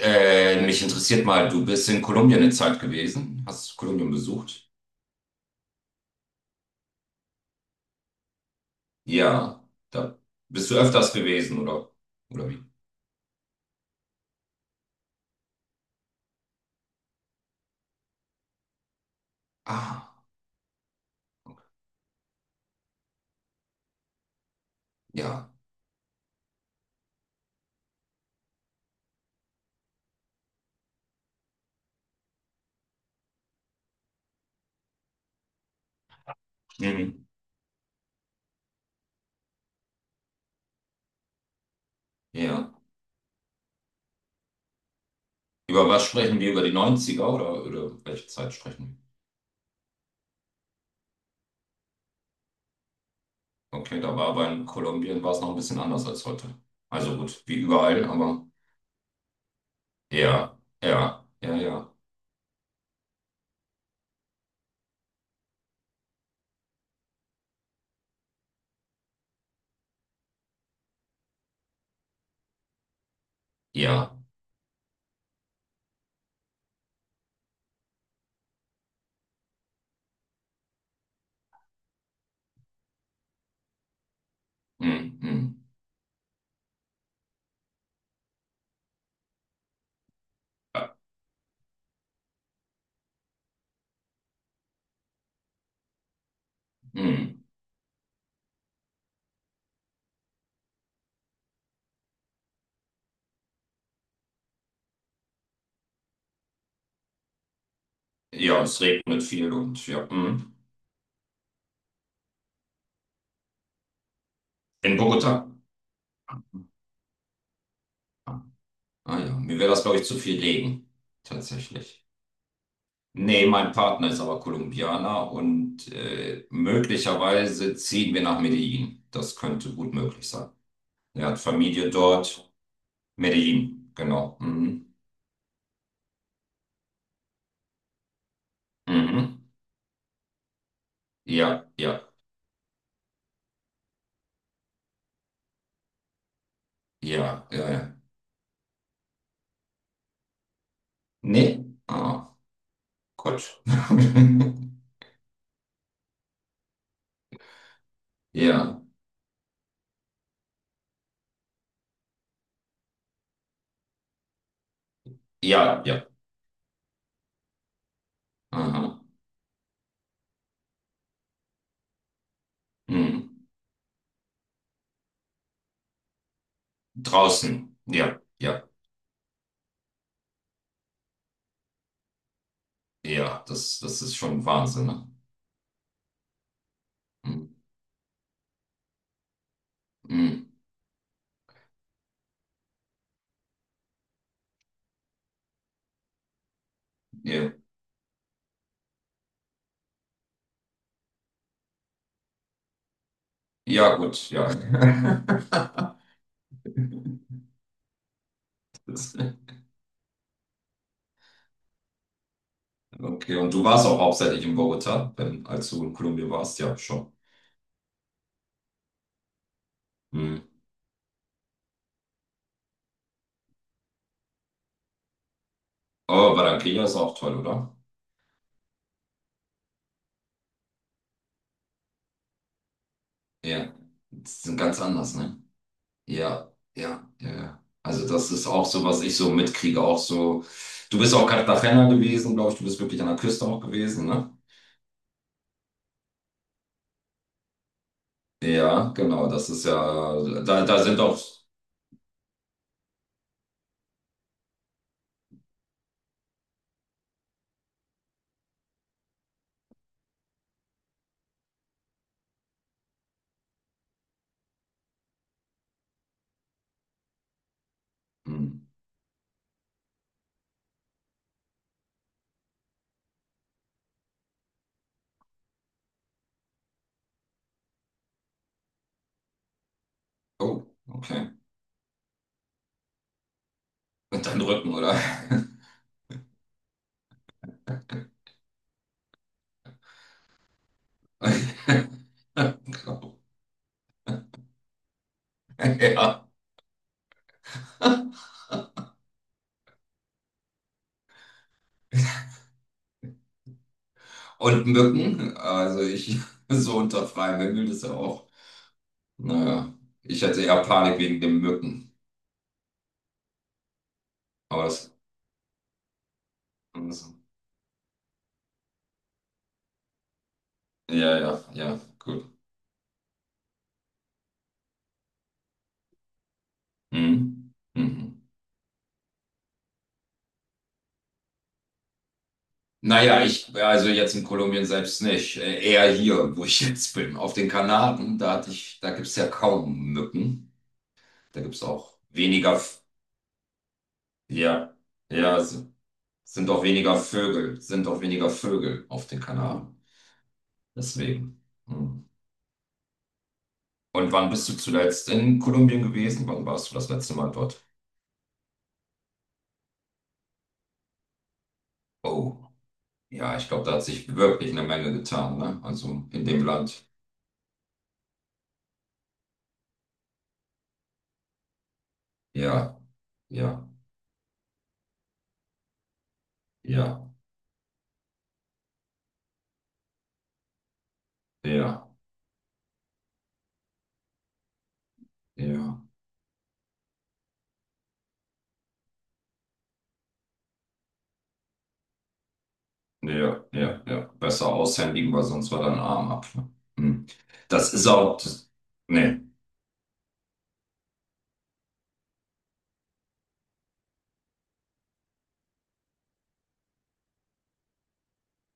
Mich interessiert mal, du bist in Kolumbien eine Zeit gewesen, hast Kolumbien besucht? Ja, da bist du öfters gewesen, oder? Oder wie? Ah, ja. Mhm. Ja. Über was sprechen wir? Über die Neunziger oder, welche Zeit sprechen wir? Okay, da war aber in Kolumbien war es noch ein bisschen anders als heute. Also gut, wie überall, aber ja, ja, ja, ja, ja. Mhm. Mhm. Ja, mhm. Ja, es regnet viel und ja. Mhm. In Bogota. Ah ja, mir wäre das, glaube ich, zu viel Legen, tatsächlich. Nee, mein Partner ist aber Kolumbianer und möglicherweise ziehen wir nach Medellin. Das könnte gut möglich sein. Er hat Familie dort. Medellin, genau. Mhm. Mhm. Ja, ja, ja, ja, ja. Nee, ah, Gott. Ja, ja, ja. Aha. Mhm. Draußen. Ja, ja, ja. Das ist schon Wahnsinn, ne? Mhm. Mhm. Ja. Ja, gut, ja. Das- Okay, und du warst auch hauptsächlich in Bogota, wenn, als du in Kolumbien warst, ja, schon. Hm. Oh, Barranquilla ist auch toll, oder? Ja, die sind ganz anders, ne? Ja, ja, ja, ja. Also das ist auch so, was ich so mitkriege, auch so. Du bist auch Cartagena gewesen, glaube ich, du bist wirklich an der Küste auch gewesen, ne? Ja, genau, das ist ja, da, da sind auch, hm. Oh, okay. Und dein Rücken, oder? Ja. Und Mücken, also ich, so unter freiem Himmel, das ist ja auch, naja, ich hatte eher Panik wegen den Mücken. Aber das, also, ja, ja, ja, gut. Mhm. Mhm. Naja, ich, also jetzt in Kolumbien selbst nicht, eher hier, wo ich jetzt bin. Auf den Kanaren, da hatte ich, da gibt es ja kaum Mücken. Da gibt es auch weniger, F- ja, ja, es sind auch weniger Vögel, sind auch weniger Vögel auf den Kanaren. Deswegen. Hm. Und wann bist du zuletzt in Kolumbien gewesen? Wann warst du das letzte Mal dort? Oh, ja, ich glaube, da hat sich wirklich eine Menge getan, ne? Also in dem Land. Ja, ja, ja, ja, ja, ja, ja, ja. Besser aushändigen, weil sonst war dein Arm ab. Ne? Hm. Das ist auch. Das, nee.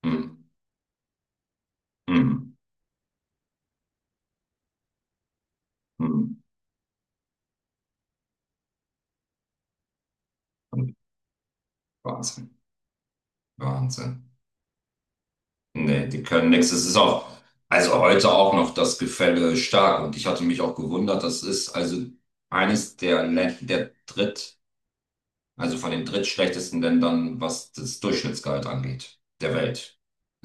Hm, hm, hm, hm. Wahnsinn, Wahnsinn. Nee, die können nichts. Es ist auch, also heute auch noch das Gefälle stark. Und ich hatte mich auch gewundert, das ist also eines der Länder, der dritt, also von den drittschlechtesten Ländern, was das Durchschnittsgehalt angeht, der Welt.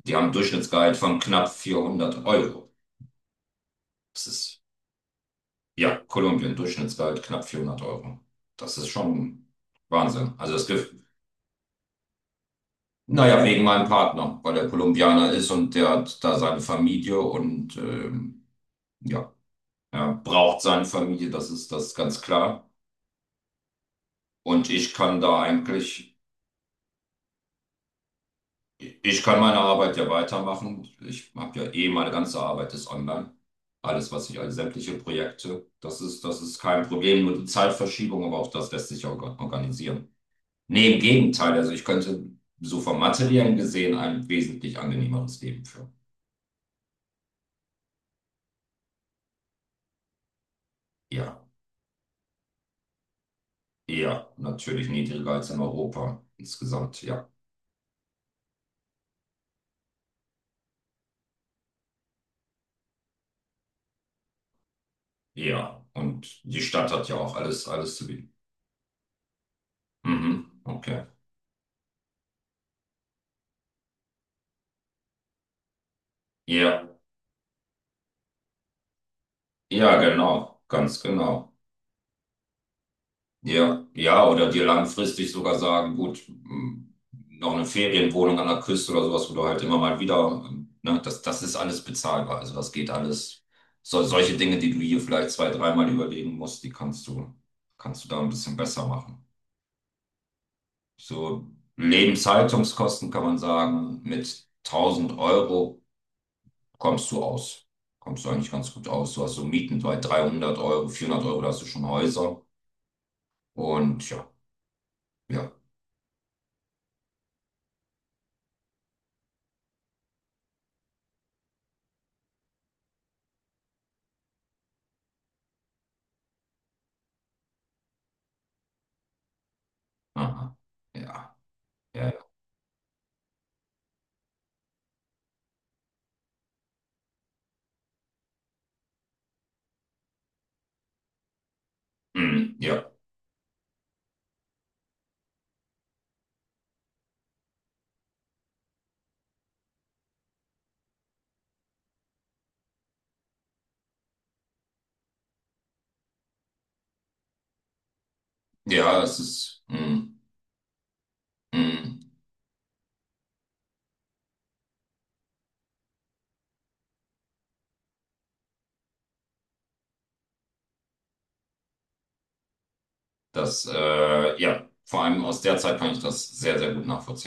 Die haben ein Durchschnittsgehalt von knapp 400 Euro. Das ist, ja, Kolumbien, Durchschnittsgehalt knapp 400 Euro. Das ist schon Wahnsinn. Also es gibt, naja, wegen meinem Partner, weil er Kolumbianer ist und der hat da seine Familie und, ja. Er braucht seine Familie, das ist ganz klar. Und ich kann da eigentlich, ich kann meine Arbeit ja weitermachen. Ich habe ja eh, meine ganze Arbeit ist online. Alles, was ich, alle sämtliche Projekte, das ist kein Problem. Nur die Zeitverschiebung, aber auch das lässt sich ja organisieren. Nee, im Gegenteil. Also ich könnte so vom Materiellen gesehen ein wesentlich angenehmeres Leben führen. Ja, eher natürlich niedriger als in Europa insgesamt, ja. Ja, und die Stadt hat ja auch alles, alles zu bieten. Mhm, okay. Ja, ja, genau, ganz genau. Ja, ja, oder dir langfristig sogar sagen, gut, m, noch eine Ferienwohnung an der Küste oder sowas, wo du halt immer mal wieder, ne, das ist alles bezahlbar. Also das geht alles. So, solche Dinge, die du hier vielleicht zwei, dreimal überlegen musst, die kannst du da ein bisschen besser machen. So Lebenshaltungskosten kann man sagen, mit 1000 Euro kommst du aus. Kommst du eigentlich ganz gut aus. Du hast so Mieten bei 300 Euro, 400 Euro, da hast du schon Häuser. Und ja, ja, aha, ja, ja, ja, mm, ja, ja, es ist, mm, mm, das, ja, vor allem aus der Zeit kann ich das sehr, sehr gut nachvollziehen.